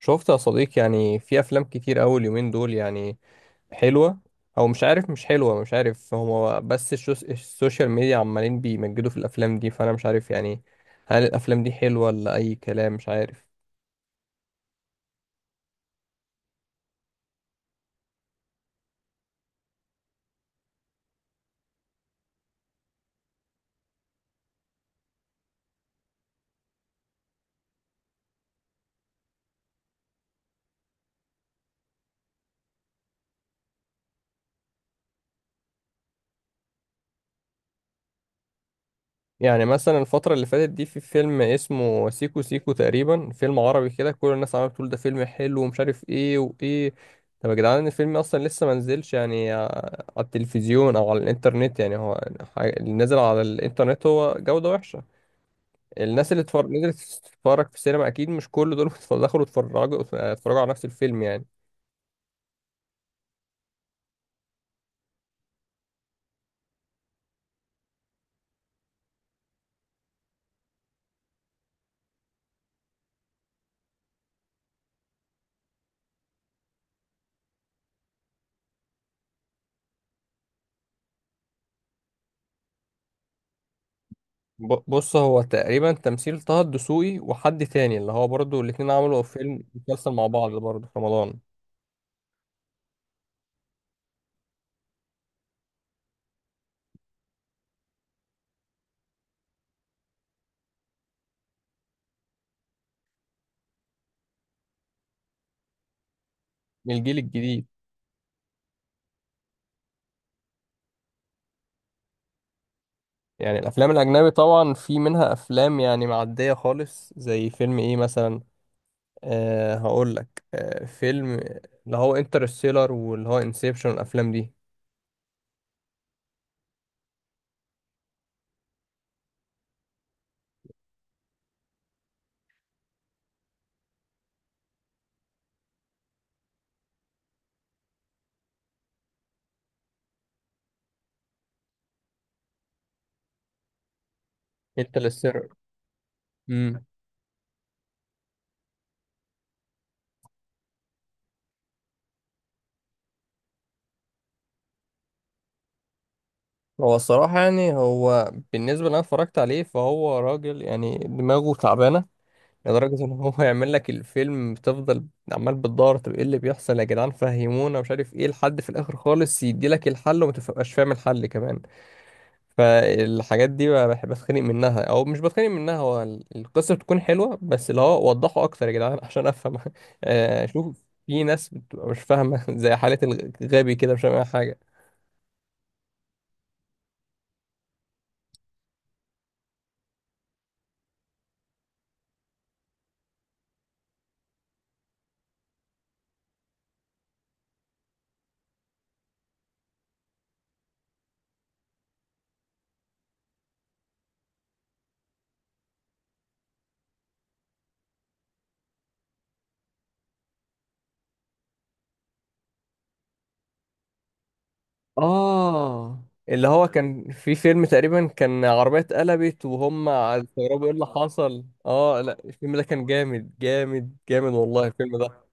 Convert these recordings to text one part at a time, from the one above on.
شفت يا صديقي، يعني في افلام كتير أوي اليومين دول، يعني حلوة او مش عارف، مش حلوة مش عارف. هو بس السوشيال ميديا عمالين بيمجدوا في الافلام دي، فانا مش عارف يعني، هل الافلام دي حلوة ولا اي كلام، مش عارف. يعني مثلا الفترة اللي فاتت دي في فيلم اسمه سيكو سيكو تقريبا، فيلم عربي كده، كل الناس عمالة بتقول ده فيلم حلو ومش عارف ايه وايه. طب يا جدعان الفيلم اصلا لسه ما نزلش يعني، على التلفزيون او على الانترنت، يعني هو اللي نزل على الانترنت هو جودة وحشة. الناس اللي اتفرج نزلت تتفرج في السينما، اكيد مش كل دول دخلوا اتفرجوا على نفس الفيلم يعني. بص، هو تقريبا تمثيل طه الدسوقي وحد تاني، اللي هو برضو الاتنين عملوا فيلم مسلسل مع بعض برضو في رمضان. من الجيل الجديد. يعني الافلام الاجنبي طبعا في منها افلام يعني معدية خالص، زي فيلم ايه مثلا. هقول لك، فيلم اللي هو انترستيلر، واللي هو انسبشن، الافلام دي. انترستيلر. هو الصراحة يعني، هو بالنسبة اللي أنا اتفرجت عليه، فهو راجل يعني دماغه تعبانة لدرجة إن هو يعمل لك الفيلم، بتفضل عمال بتدور، طب إيه اللي بيحصل يا جدعان، فهمونا، مش عارف إيه، لحد في الآخر خالص يديلك الحل، وما تبقاش فاهم الحل كمان. فالحاجات دي بقى بحب أتخانق منها، أو مش بتخانق منها. هو القصة بتكون حلوة، بس اللي هو وضحوا أكتر يا جدعان عشان أفهم. شوف، في ناس بتبقى مش فاهمة زي حالة الغبي كده، مش فاهمة أي حاجة. اه اللي هو كان في فيلم تقريبا، كان عربية اتقلبت وهم استغربوا ايه اللي حصل. اه لا، الفيلم ده كان جامد جامد جامد، والله الفيلم ده.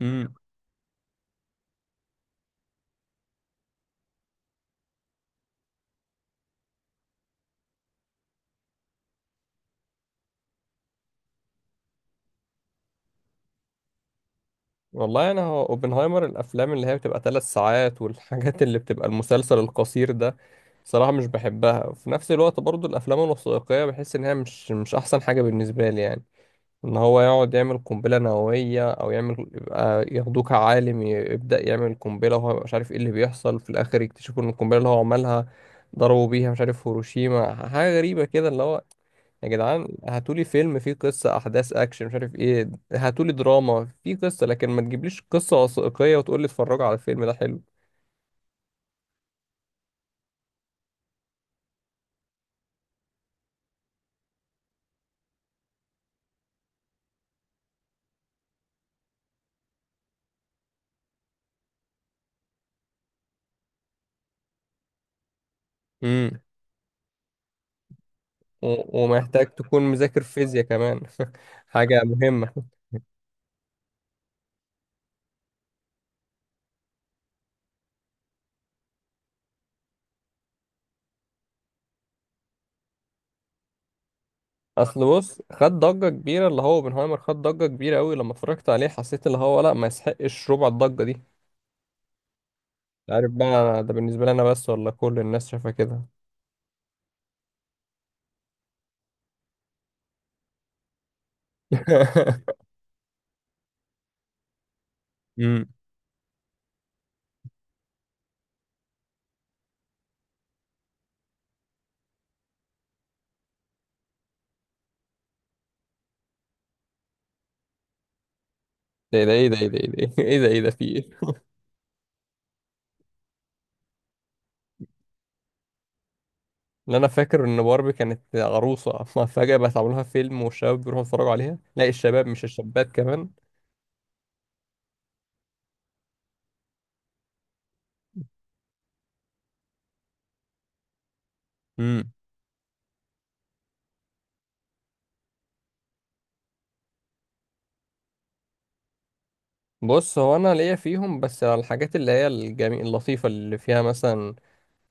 امم. والله انا، هو اوبنهايمر، الافلام اللي هي بتبقى 3 ساعات والحاجات اللي بتبقى المسلسل القصير ده، صراحة مش بحبها. وفي نفس الوقت برضو الافلام الوثائقية بحس ان هي مش احسن حاجة بالنسبة لي يعني. ان هو يقعد يعمل قنبله نوويه، او يعمل يبقى، ياخدوه عالم يبدا يعمل قنبله وهو مش عارف ايه اللي بيحصل، في الاخر يكتشفوا ان القنبله اللي هو عملها ضربوا بيها مش عارف هيروشيما، حاجه غريبه كده اللي هو. يا جدعان هاتولي فيلم فيه قصه، احداث اكشن مش عارف ايه، هاتولي دراما فيه قصه، لكن ما تجيبليش قصه وثائقيه وتقولي اتفرجوا على الفيلم ده حلو. امم. ومحتاج تكون مذاكر فيزياء كمان. حاجه مهمه. اصل بص، خد ضجه كبيره اللي هو اوبنهايمر، خد ضجه كبيره قوي، لما اتفرجت عليه حسيت اللي هو لا، ما يسحقش ربع الضجه دي. مش عارف بقى، ده بالنسبه لي انا بس، ولا كل الناس شايفه كده. امم. ده ده ايه، ده ايه، ده ايه، ده ايه، ده ايه، ده في ايه. اللي انا فاكر ان باربي كانت عروسه، فجاه بقت عاملها فيلم، والشباب بيروحوا يتفرجوا عليها، لا الشباب مش الشابات كمان. امم. بص، هو انا ليا فيهم بس على الحاجات اللي هي الجميل اللطيفه اللي فيها مثلا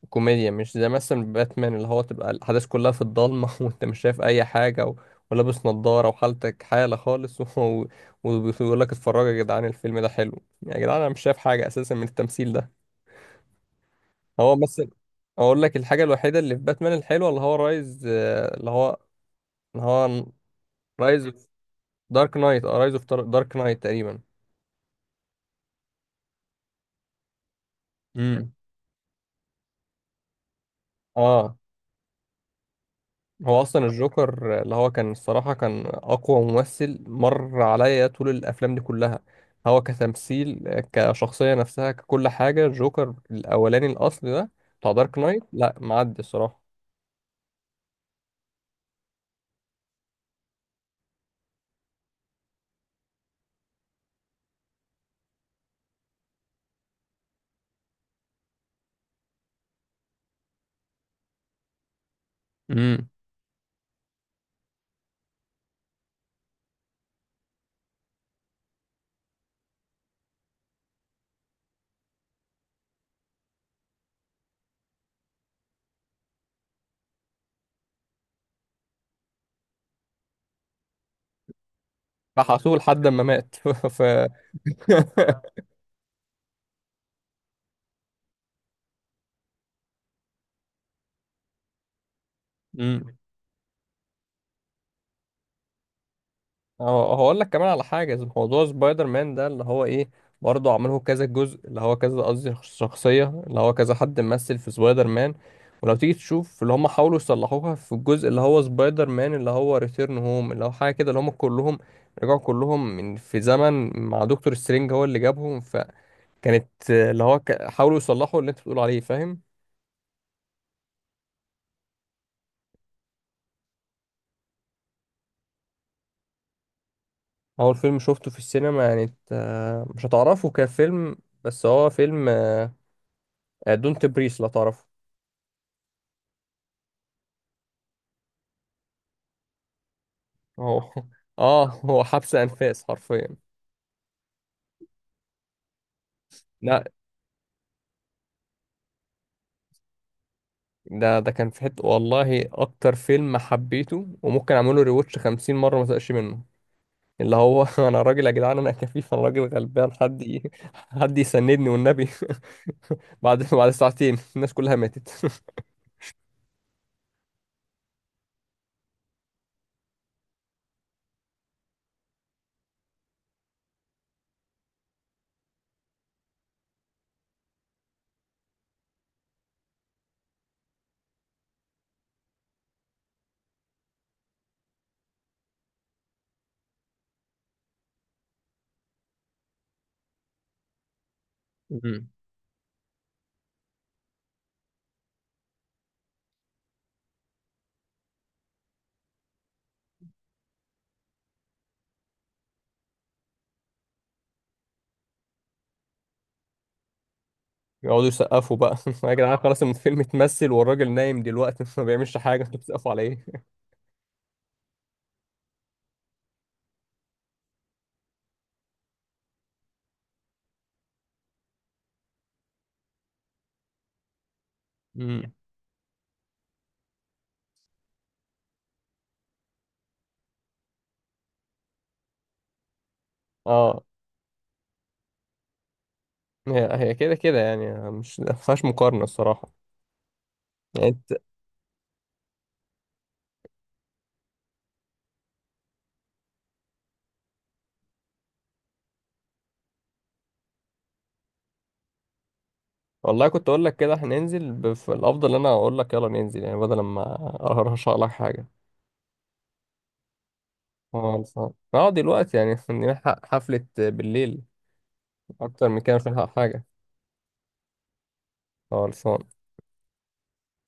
كوميديا، مش زي مثلا باتمان اللي هو تبقى الأحداث كلها في الضلمة وأنت مش شايف أي حاجة، و... ولابس نضارة وحالتك حالة خالص. و... وبيقول لك اتفرجوا يا جدعان الفيلم ده حلو، يا جدعان أنا مش شايف حاجة أساسا من التمثيل ده. هو مثلا أقول لك الحاجة الوحيدة اللي في باتمان الحلوة، اللي هو رايز، اللي هو اللي هو رايز دارك نايت، اه رايز اوف دارك نايت تقريبا. امم. اه هو اصلا الجوكر اللي هو كان، الصراحه كان اقوى ممثل مر عليا طول الافلام دي كلها. هو كتمثيل، كشخصيه نفسها، ككل حاجه، الجوكر الاولاني الاصلي ده بتاع دارك نايت، لا معدي الصراحه. امم. فحسوه لحد ما مات. ف. هو هقول لك كمان على حاجة زي موضوع سبايدر مان ده اللي هو ايه، برضه عمله كذا جزء اللي هو كذا، قصدي شخصية اللي هو كذا حد ممثل في سبايدر مان. ولو تيجي تشوف اللي هم حاولوا يصلحوها في الجزء اللي هو سبايدر مان اللي هو ريتيرن هوم، اللي هو حاجة كده، اللي هم كلهم رجعوا كلهم من في زمن مع دكتور سترينج هو اللي جابهم، فكانت اللي هو حاولوا يصلحوا اللي انت بتقول عليه، فاهم. اول فيلم شفته في السينما يعني، إنت، مش هتعرفه كفيلم، بس هو فيلم دونت بريس لو تعرفه. هو اه، هو حبس انفاس حرفيا. لا ده كان في حته، والله اكتر فيلم حبيته، وممكن اعمله ريواتش 50 مره ما ازهقش منه. اللي هو انا راجل يا جدعان، انا كفيف، انا راجل غلبان، حد يسندني والنبي. بعد ساعتين الناس كلها ماتت. مم. يقعدوا يسقفوا بقى. يا جدعان خلاص، الفيلم اتمثل والراجل نايم دلوقتي، ما بيعملش حاجه، انتوا بتسقفوا على ايه. مم. اه. هي هي كده كده، يعني مش ما فيهاش مقارنه الصراحه يعني. والله كنت اقول لك كده، احنا ننزل في الافضل ان انا اقول لك يلا ننزل، يعني بدل ما ارشح لك حاجه. اه خلصان. اه دلوقتي يعني، نلحق حفله بالليل، اكتر من كده مش هنلحق حاجه. خلصان